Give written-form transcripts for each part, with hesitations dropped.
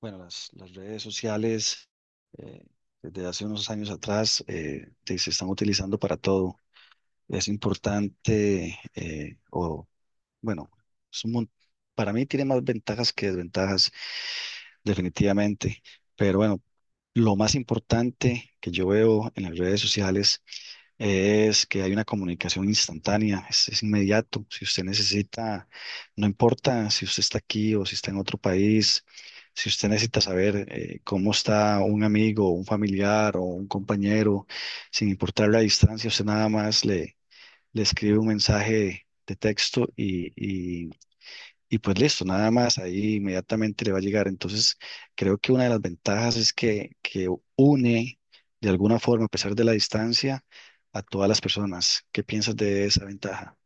Bueno, las redes sociales eh, desde hace unos años atrás se están utilizando para todo. Es importante, o bueno, es un mon- para mí tiene más ventajas que desventajas, definitivamente. Pero bueno, lo más importante que yo veo en las redes sociales es que hay una comunicación instantánea, es inmediato. Si usted necesita, no importa si usted está aquí o si está en otro país, si usted necesita saber cómo está un amigo, un familiar o un compañero, sin importar la distancia, usted nada más le, le escribe un mensaje de texto y pues listo, nada más, ahí inmediatamente le va a llegar. Entonces, creo que una de las ventajas es que une de alguna forma, a pesar de la distancia, a todas las personas. ¿Qué piensas de esa ventaja?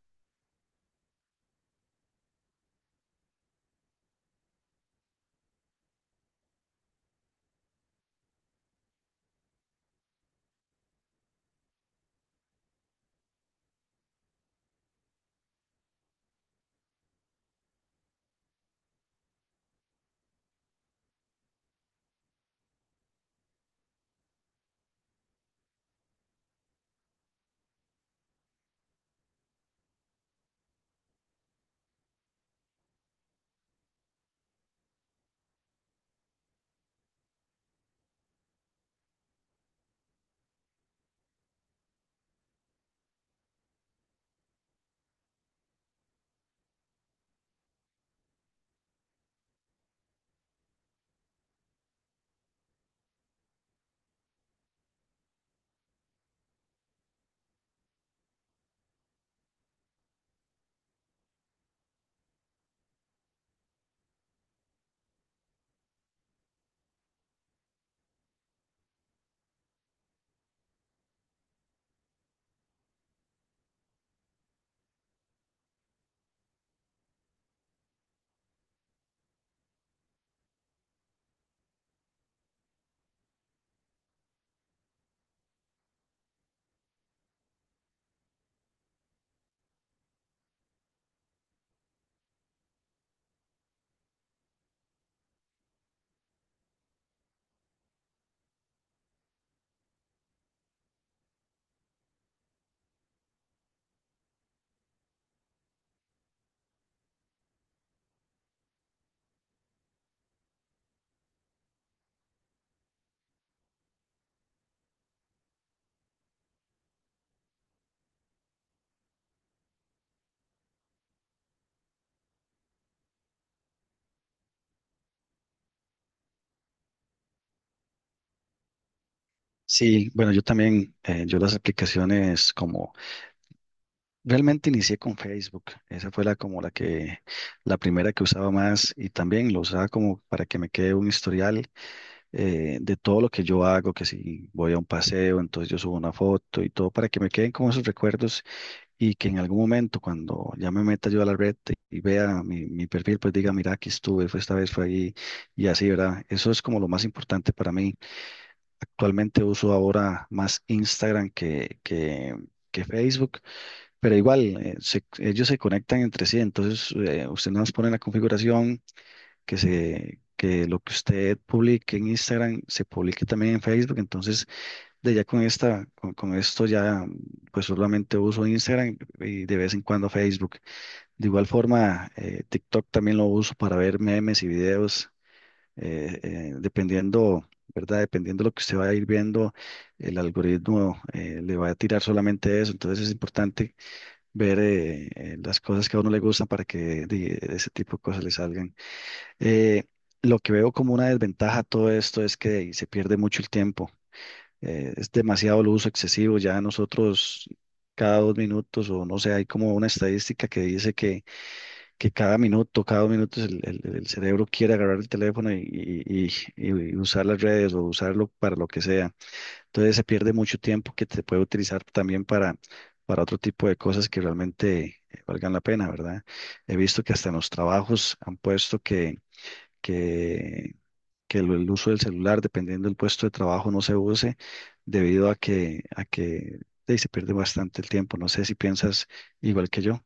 Sí, bueno, yo también, yo las realmente inicié con Facebook, esa fue la como la primera que usaba más y también lo usaba como para que me quede un historial de todo lo que yo hago, que si voy a un paseo, entonces yo subo una foto y todo para que me queden como esos recuerdos y que en algún momento cuando ya me meta yo a la red y vea mi perfil, pues diga, mira, aquí estuve, fue esta vez, fue ahí y así, ¿verdad? Eso es como lo más importante para mí. Actualmente uso ahora más Instagram que Facebook, pero igual ellos se conectan entre sí, entonces usted nos pone la configuración que lo que usted publique en Instagram se publique también en Facebook, entonces de ya con con esto ya, pues solamente uso Instagram y de vez en cuando Facebook. De igual forma, TikTok también lo uso para ver memes y videos, dependiendo, ¿verdad? Dependiendo de lo que usted va a ir viendo, el algoritmo le va a tirar solamente eso. Entonces es importante ver las cosas que a uno le gustan para que ese tipo de cosas le salgan. Eh, lo que veo como una desventaja a todo esto es que se pierde mucho el tiempo, es demasiado el uso excesivo. Ya nosotros cada dos minutos o no sé, hay como una estadística que dice que cada minuto, cada dos minutos el cerebro quiere agarrar el teléfono y usar las redes o usarlo para lo que sea. Entonces se pierde mucho tiempo que te puede utilizar también para otro tipo de cosas que realmente valgan la pena, ¿verdad? He visto que hasta en los trabajos han puesto que que el uso del celular, dependiendo del puesto de trabajo, no se use debido a a que se pierde bastante el tiempo. No sé si piensas igual que yo.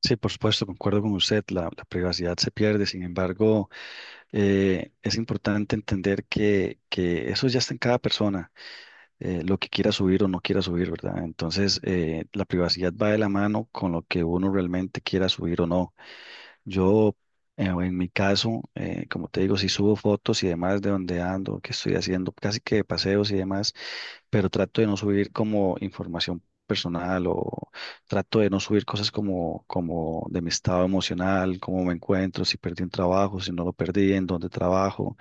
Sí, por supuesto, concuerdo con usted, la privacidad se pierde, sin embargo, es importante entender que eso ya está en cada persona. Lo que quiera subir o no quiera subir, ¿verdad? Entonces, la privacidad va de la mano con lo que uno realmente quiera subir o no. Yo, en mi caso, como te digo, si subo fotos y demás de donde ando, qué estoy haciendo, casi que de paseos y demás, pero trato de no subir como información personal o trato de no subir cosas como, como de mi estado emocional, cómo me encuentro, si perdí un trabajo, si no lo perdí, en dónde trabajo.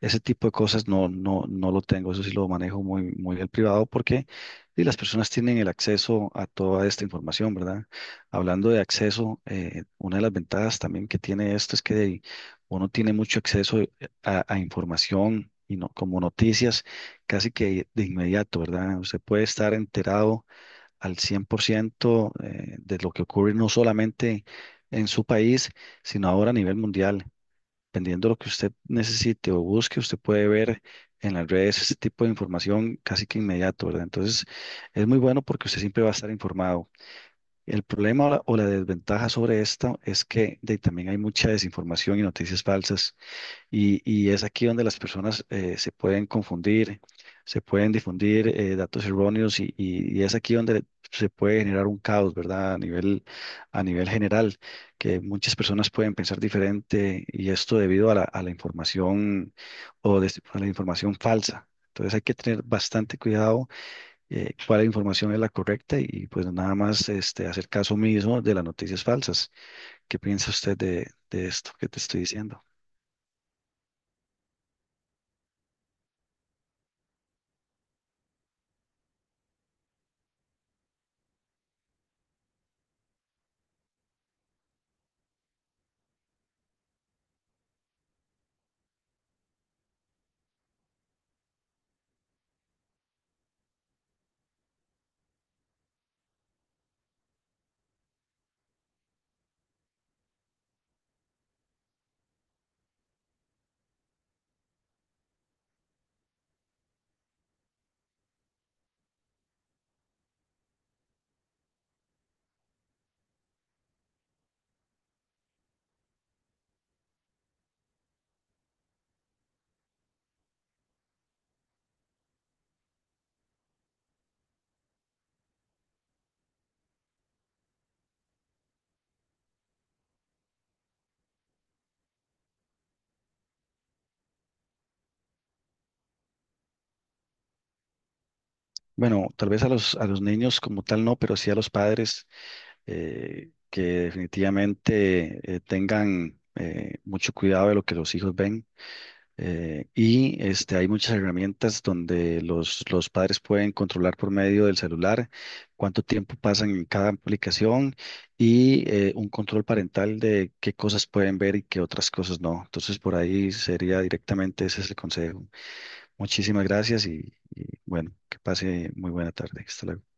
Ese tipo de cosas no lo tengo, eso sí lo manejo muy, muy al privado porque y las personas tienen el acceso a toda esta información, ¿verdad? Hablando de acceso, una de las ventajas también que tiene esto es que uno tiene mucho acceso a información y no, como noticias casi que de inmediato, ¿verdad? Usted puede estar enterado al 100% de lo que ocurre no solamente en su país, sino ahora a nivel mundial. Dependiendo de lo que usted necesite o busque, usted puede ver en las redes ese tipo de información casi que inmediato, ¿verdad? Entonces, es muy bueno porque usted siempre va a estar informado. El problema o o la desventaja sobre esto es que también hay mucha desinformación y noticias falsas. Y es aquí donde las personas se pueden confundir, se pueden difundir datos erróneos y es aquí donde se puede generar un caos, ¿verdad? A nivel general, que muchas personas pueden pensar diferente y esto debido a a la información o a la información falsa. Entonces hay que tener bastante cuidado, cuál información es la correcta y pues nada más este, hacer caso mismo de las noticias falsas. ¿Qué piensa usted de esto que te estoy diciendo? Bueno, tal vez a los niños como tal no, pero sí a los padres que definitivamente tengan mucho cuidado de lo que los hijos ven. Y este, hay muchas herramientas donde los padres pueden controlar por medio del celular cuánto tiempo pasan en cada aplicación y un control parental de qué cosas pueden ver y qué otras cosas no. Entonces, por ahí sería directamente ese es el consejo. Muchísimas gracias y bueno, que pase muy buena tarde. Hasta luego.